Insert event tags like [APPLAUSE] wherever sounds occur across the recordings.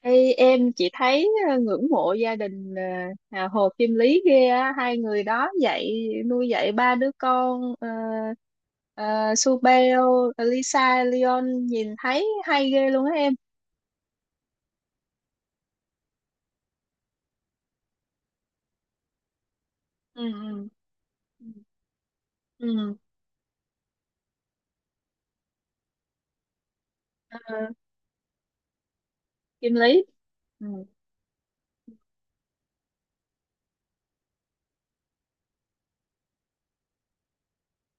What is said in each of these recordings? Ê, em chỉ thấy ngưỡng mộ gia đình Hồ Kim Lý ghê á, hai người đó dạy nuôi dạy ba đứa con, ờ, Su Beo, Lisa, Leon nhìn thấy hay ghê luôn á em. Ừ, ừ, ừ. Ừ. Ờ, Kim Lý. Ừ.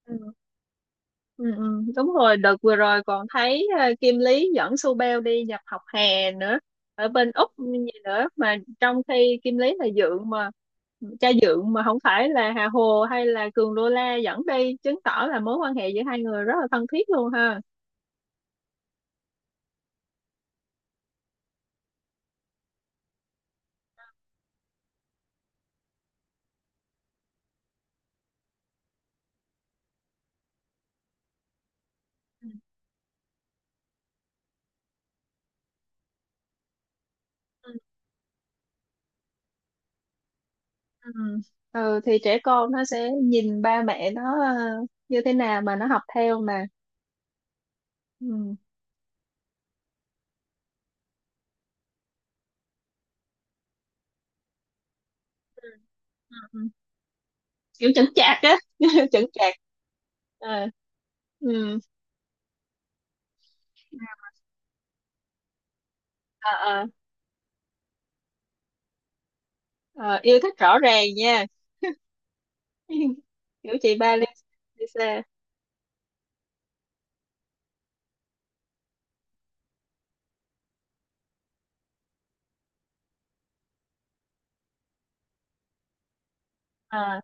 Ừ. Ừ, ừ, đúng rồi, đợt vừa rồi còn thấy Kim Lý dẫn Su Beo đi nhập học hè nữa ở bên Úc như vậy nữa, mà trong khi Kim Lý là dượng mà, cha dượng mà, không phải là Hà Hồ hay là Cường Đô La dẫn đi, chứng tỏ là mối quan hệ giữa hai người rất là thân thiết luôn ha. Ừ. Ừ, ừ. Ừ, thì trẻ con nó sẽ nhìn ba mẹ nó như thế nào mà nó học theo mà. Ừ. Ừ. Ừ, ừ. Kiểu chững chạc á [LAUGHS] chững chạc. Ờ. Ừ. Ờ, ờ. Ờ, yêu thích rõ ràng nha. [LAUGHS] Kiểu chị ba Lisa. À,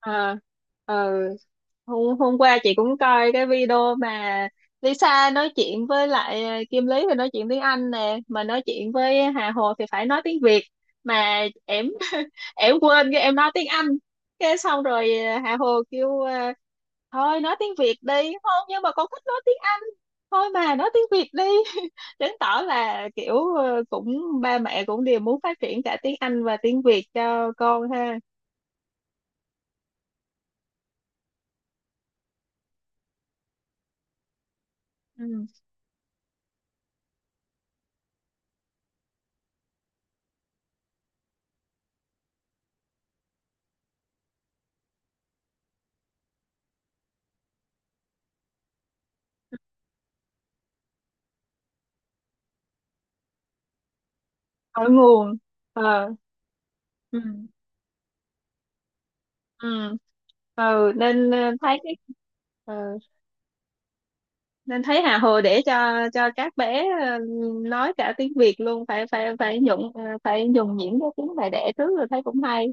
à, ờ, hôm qua chị cũng coi cái video mà Lisa nói chuyện với lại Kim Lý thì nói chuyện tiếng Anh nè, mà nói chuyện với Hà Hồ thì phải nói tiếng Việt, mà em [LAUGHS] em quên cái em nói tiếng Anh, cái xong rồi Hà Hồ kêu thôi nói tiếng Việt đi, không nhưng mà con thích nói tiếng, thôi mà nói tiếng Việt đi. [LAUGHS] Chứng tỏ là kiểu cũng ba mẹ cũng đều muốn phát triển cả tiếng Anh và tiếng Việt cho con ha. Ừ. Ở nguồn. Ờ. Ừ. Ừ. Ừ nên thấy cái ờ, nên thấy Hà Hồ để cho các bé nói cả tiếng Việt luôn, phải phải phải nhuận, phải nhuần nhuyễn cái tiếng mẹ đẻ trước rồi, thấy cũng hay,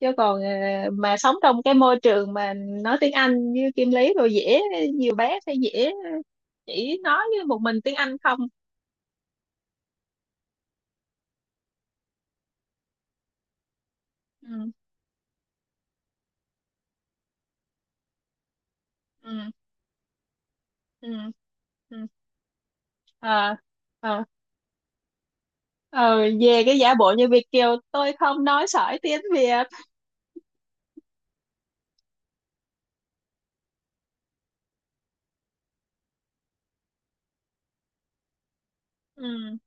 chứ còn mà sống trong cái môi trường mà nói tiếng Anh như Kim Lý rồi dễ, nhiều bé sẽ dễ chỉ nói với một mình tiếng Anh không. Ừ, ừ, ừ, ừ. Ờ, ờ, ờ, về cái giả bộ như Việt kiều tôi không nói sỏi tiếng Việt. Ừ,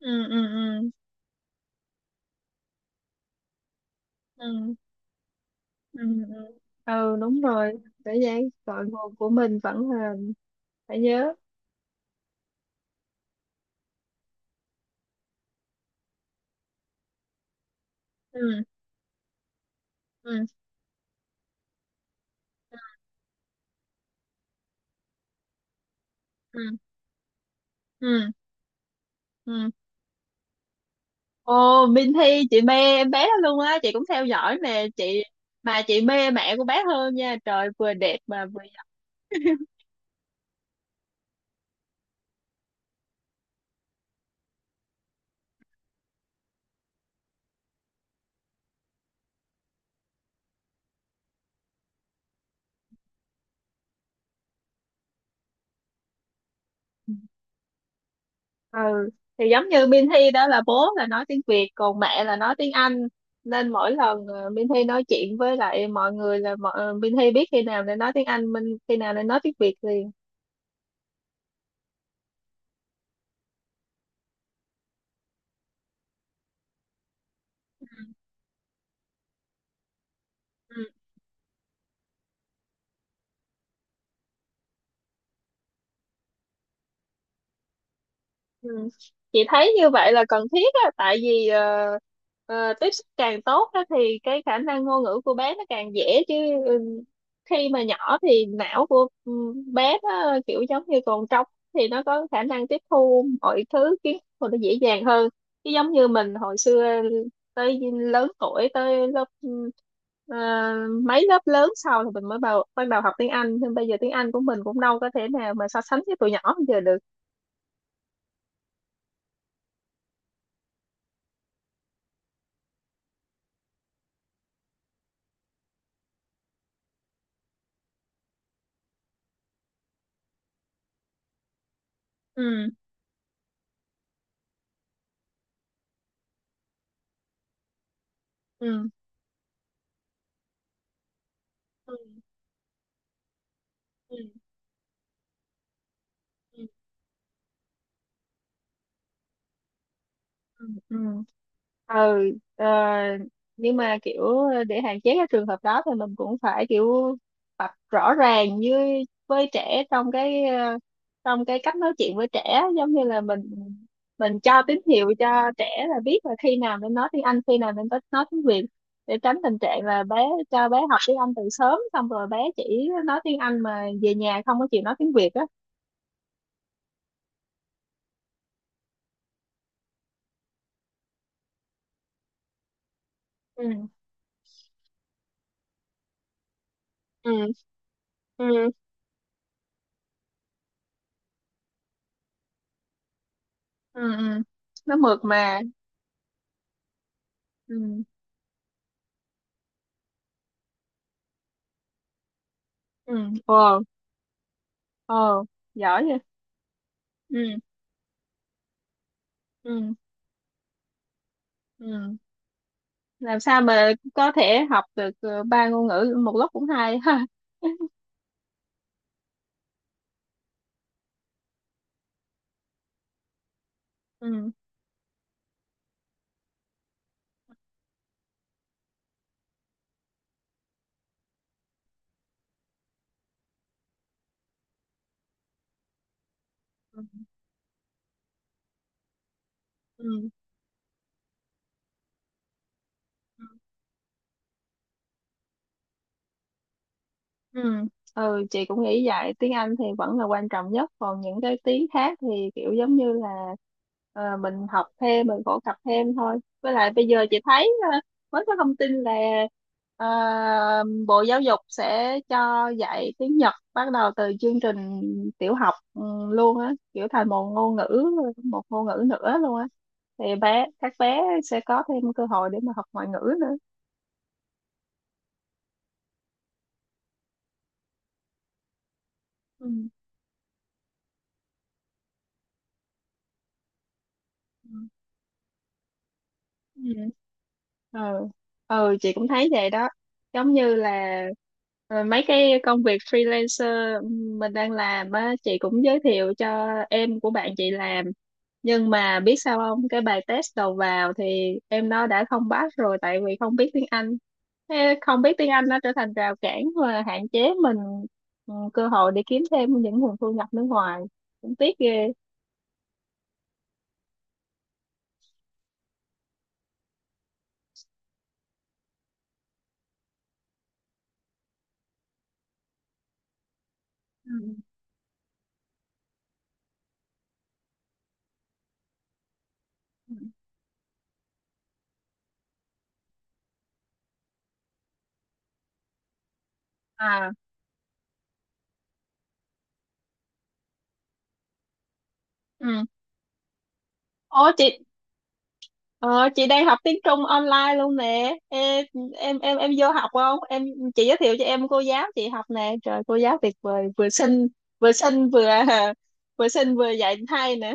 ừ, ừ, ừ, ừ, ừ, ừ. Ừ, đúng rồi, để vậy cội nguồn của mình vẫn là phải nhớ. Ừ, ừ, ừ, ừ, ừ. Ồ, Minh Thi, chị mê em bé đó luôn á, chị cũng theo dõi nè chị, mà chị mê mẹ của bé hơn nha, trời vừa đẹp mà vừa giỏi. [LAUGHS] Ừ, thì giống như Minh Thi đó là bố là nói tiếng Việt còn mẹ là nói tiếng Anh, nên mỗi lần Minh Thi nói chuyện với lại mọi người là mọi, Minh Thi biết khi nào nên nói tiếng Anh, Minh khi nào nên nói tiếng Việt liền. Ừ. Chị thấy như vậy là cần thiết á, tại vì tiếp xúc càng tốt á, thì cái khả năng ngôn ngữ của bé nó càng dễ chứ. Ừ, khi mà nhỏ thì não của bé nó kiểu giống như còn trống, thì nó có khả năng tiếp thu mọi thứ kiến thức của nó dễ dàng hơn, chứ giống như mình hồi xưa tới lớn tuổi tới lớp, ờ, mấy lớp lớn sau thì mình mới bắt đầu học tiếng Anh, nhưng bây giờ tiếng Anh của mình cũng đâu có thể nào mà so sánh với tụi nhỏ bây giờ được. Ừ, ừ, ừ, ừ, ừ, ừ, ừ. Ừ, ờ, nhưng mà kiểu để hạn chế cái trường hợp đó thì mình cũng phải kiểu tập rõ ràng với trẻ trong cái trong cái cách nói chuyện với trẻ, giống như là mình cho tín hiệu cho trẻ là biết là khi nào nên nói tiếng Anh, khi nào nên nói tiếng Việt, để tránh tình trạng là bé cho bé học tiếng Anh từ sớm xong rồi bé chỉ nói tiếng Anh mà về nhà không có chịu nói tiếng Việt á. Ừ, ừ, ừ, ừ, ừ. Nó mượt mà. Ừ, ừ. Wow. Ồ, giỏi vậy. Ừ, ừ, ừ, làm sao mà có thể học được ba ngôn ngữ một lúc cũng hay ha. [LAUGHS] Ừ, ừ, ừ, ừ. Ừ. Ừ, chị cũng nghĩ vậy, tiếng Anh thì vẫn là quan trọng nhất còn những cái tiếng khác thì kiểu giống như là mình học thêm, mình phổ cập thêm thôi. Với lại bây giờ chị thấy mới có thông tin là ờ, Bộ Giáo dục sẽ cho dạy tiếng Nhật bắt đầu từ chương trình tiểu học, luôn á, kiểu thành một ngôn ngữ, một ngôn ngữ nữa luôn á, thì bé các bé sẽ có thêm cơ hội để mà học ngoại ngữ nữa. Ừ. Ừ. Ờ. Ừ, chị cũng thấy vậy đó, giống như là mấy cái công việc freelancer mình đang làm á, chị cũng giới thiệu cho em của bạn chị làm, nhưng mà biết sao không, cái bài test đầu vào thì em nó đã không pass rồi tại vì không biết tiếng Anh. Thế, không biết tiếng Anh nó trở thành rào cản và hạn chế mình, cơ hội để kiếm thêm những nguồn thu nhập nước ngoài, cũng tiếc ghê. Ừ. À, ừ. Ủa chị, ờ, chị đang học tiếng Trung online luôn nè em. Em vô học không em? Chị giới thiệu cho em cô giáo chị học nè, trời cô giáo tuyệt vời, vừa xinh, vừa xinh vừa [LAUGHS] vừa xinh vừa dạy hay nữa.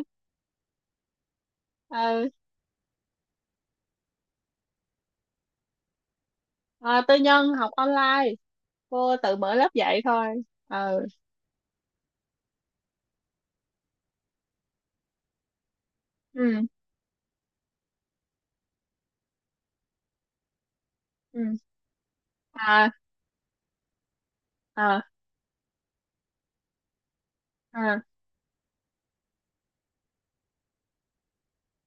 Ờ, à, tư nhân học online, cô tự mở lớp dạy thôi. Ờ. Ừ, ừ, à, à, à,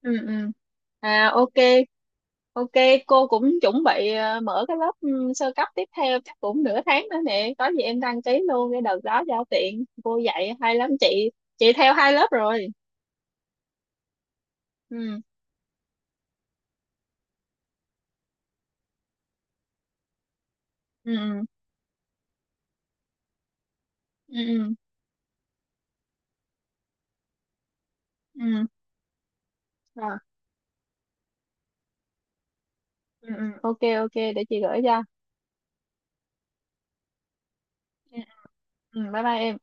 ừ, ừ, à, ok. Ok, cô cũng chuẩn bị mở cái lớp, sơ cấp tiếp theo chắc cũng 1/2 tháng nữa nè. Có gì em đăng ký luôn cái đợt đó giao tiện. Cô dạy hay lắm chị. Chị theo 2 lớp rồi. Ừ, ừ, ừ, ừ, ừ. Ừ. Rồi, ừ, ừ. Ok, ok, để chị gửi cho. Ừ, ừ, bye bye em.